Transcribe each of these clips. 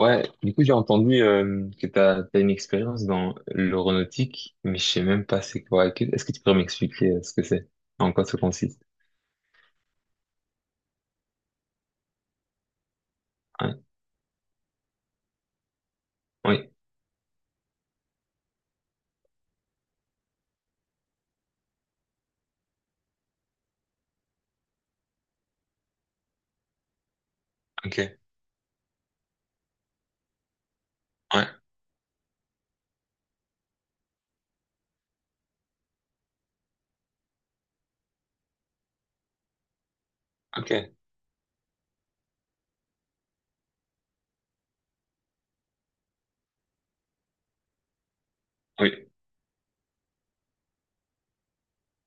Ouais, du coup, j'ai entendu que t'as une expérience dans l'aéronautique, mais je sais même pas c'est quoi. Est-ce que tu pourrais m'expliquer ce que c'est? En quoi ça consiste? Ouais. Oui, ok. Ouais, ok. Oui,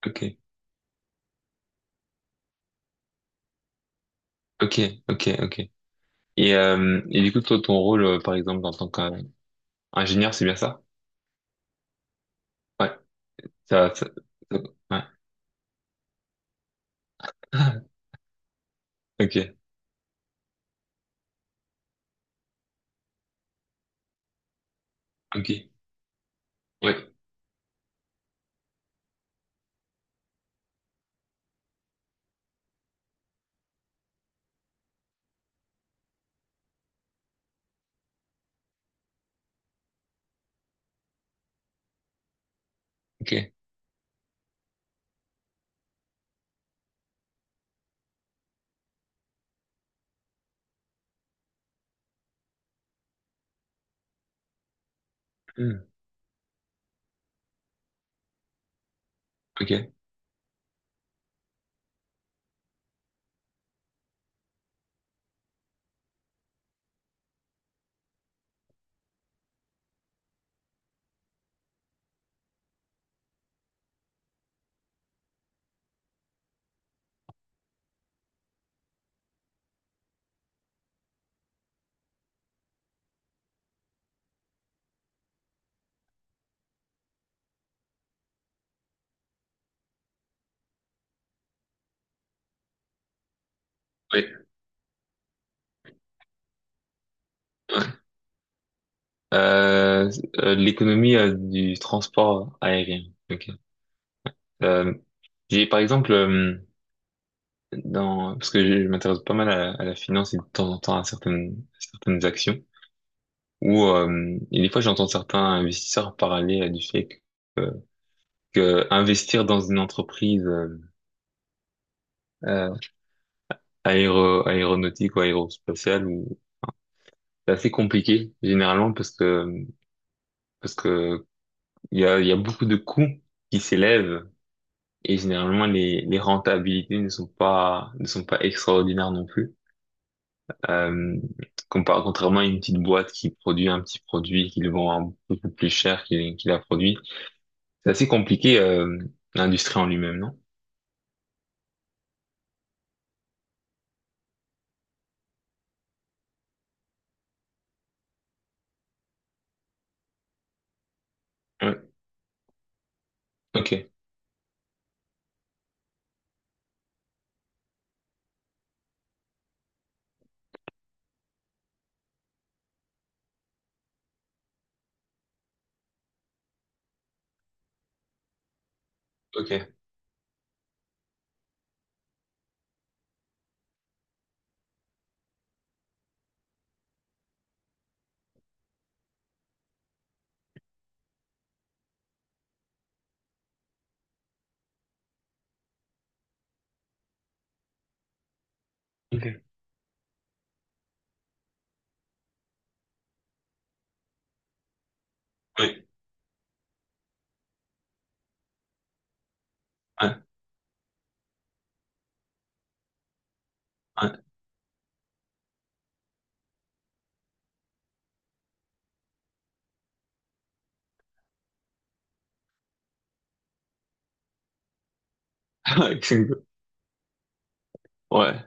ok. Ok, ok, ok. Et du coup, toi, ton rôle, par exemple, en tant qu'ingénieur, c'est bien ça? Ouais. Ça, ça, ça- ouais. Ok, ok. Oui, ok. Hmm, ok, oui, ouais. Euh, l'économie du transport aérien. Ok. Euh, j'ai par exemple dans parce que je m'intéresse pas mal à la finance et de temps en temps à certaines actions où et des fois j'entends certains investisseurs parler du fait euh, que investir dans une entreprise euh, aéronautique ou aérospatiale ou c'est assez compliqué généralement parce que il y a beaucoup de coûts qui s'élèvent et généralement les rentabilités ne sont pas ne sont pas extraordinaires non plus. Euh, contrairement à une petite boîte qui produit un petit produit, qu'ils le vend un peu plus cher qu'il a produit. C'est assez compliqué, l'industrie en lui-même, non? Ouais. Ok, ok, ok. Oui, ouais, ouais. C'est- Ouais,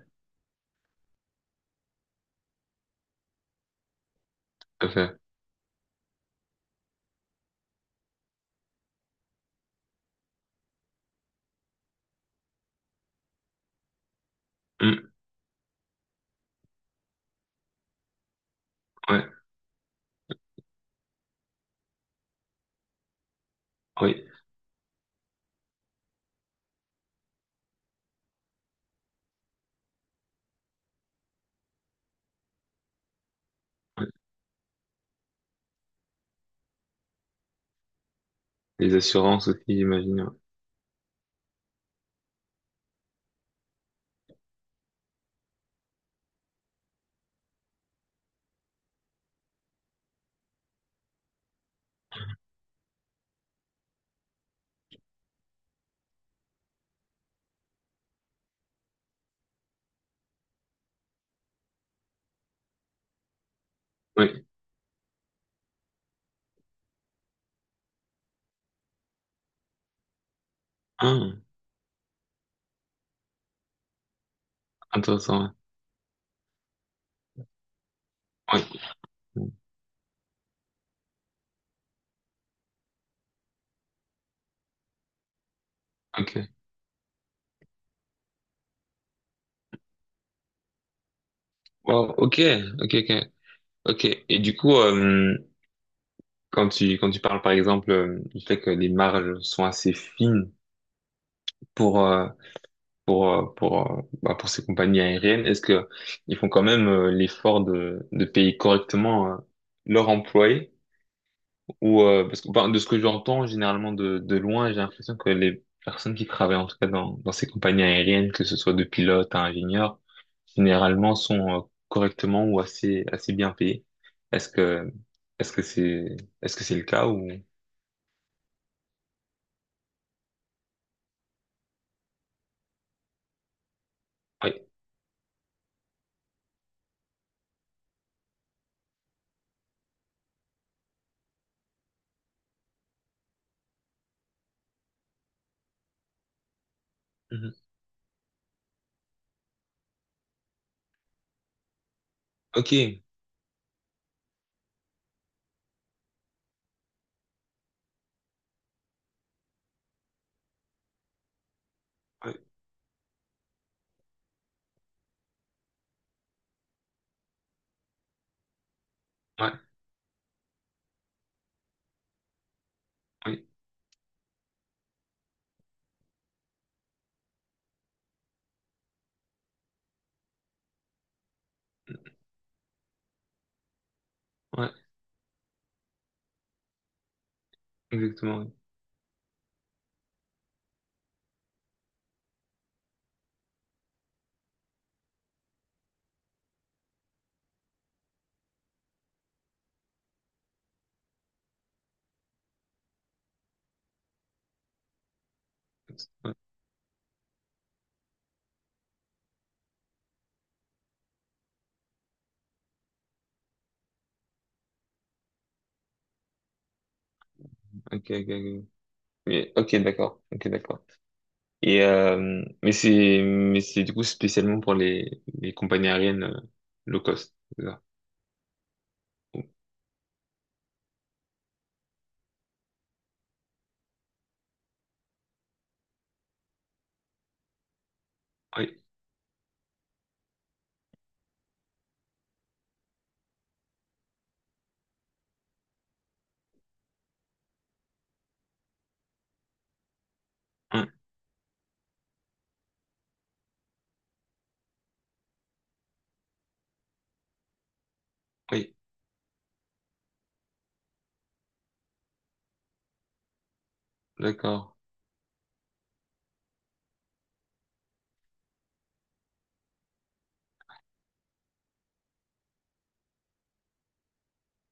tout à fait. Mm, ouais, oui, ouais. Les assurances aussi, j'imagine. Ouais. Oui. Ah, intéressant. Ouais. Oui. Ok. Wow, ok, ok, ok, ok. Et du coup, quand tu parles par exemple du fait que les marges sont assez fines pour euh, pour bah, pour ces compagnies aériennes? Est-ce que ils font quand même l'effort de payer correctement leurs employés ou parce que bah, de ce que j'entends généralement de loin, j'ai l'impression que les personnes qui travaillent en tout cas dans ces compagnies aériennes, que ce soit de pilotes à ingénieurs, généralement sont correctement ou assez bien payés. Est-ce que est-ce que c'est le cas ou oui. Mhm. Ok. Ouais. Ouais. Oui. Ouais. Exactement, oui. Ouais. Ok, ok, ok. Mais ok, d'accord. Ok, d'accord. Et mais c'est du coup spécialement pour les compagnies aériennes low cost, c'est ça? Oui, hein, oui, d'accord,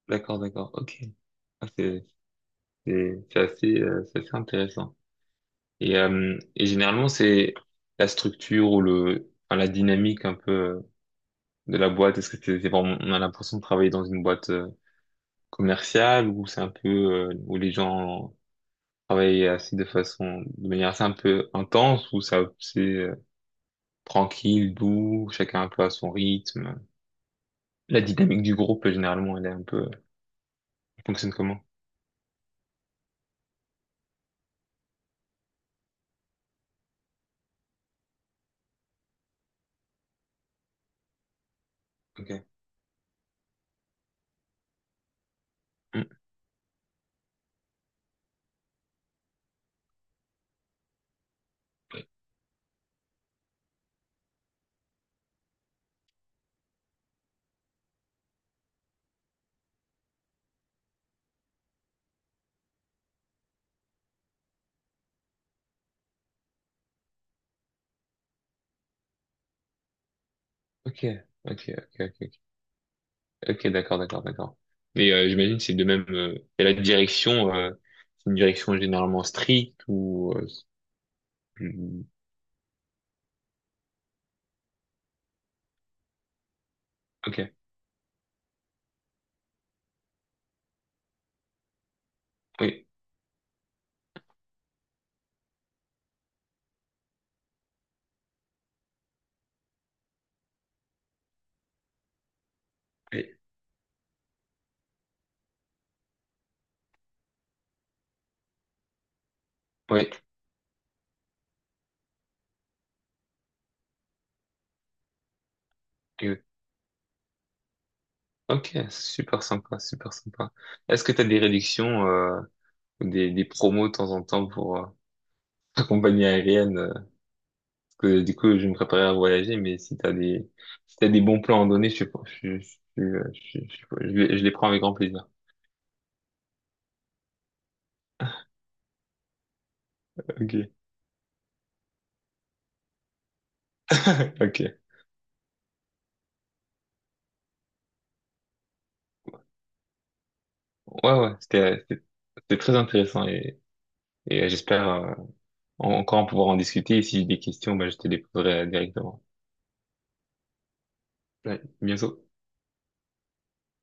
d'accord, d'accord. Ok. Ah, c'est assez intéressant. Et généralement c'est la structure ou le enfin, la dynamique un peu de la boîte. Est-ce que c'est vraiment on a l'impression de travailler dans une boîte commerciale ou c'est un peu où les gens travailler assez de façon, de manière assez un peu intense où ça, c'est tranquille, doux, chacun un peu à son rythme. La dynamique du groupe, généralement, elle est un peu, elle fonctionne comment? Ok. Hmm. Ok. Ok, ok, ok, ok, ok, d'accord, d'accord, d'accord. Mais j'imagine que c'est de même. Et la direction, c'est une direction généralement stricte ou c'est plus- ok, oui, oui, oui, oui. Ok, super sympa, super sympa. Est-ce que tu as des réductions, ou des promos de temps en temps pour compagnie aérienne. Parce que du coup, je me préparais à voyager, mais si t'as des bons plans à donner, je suis, pas- je les prends avec grand plaisir. Ok, ok. Ouais, ouais, c'était très intéressant et j'espère encore pouvoir en discuter. Et si j'ai des questions, bah, je te les poserai directement. Ouais, bientôt.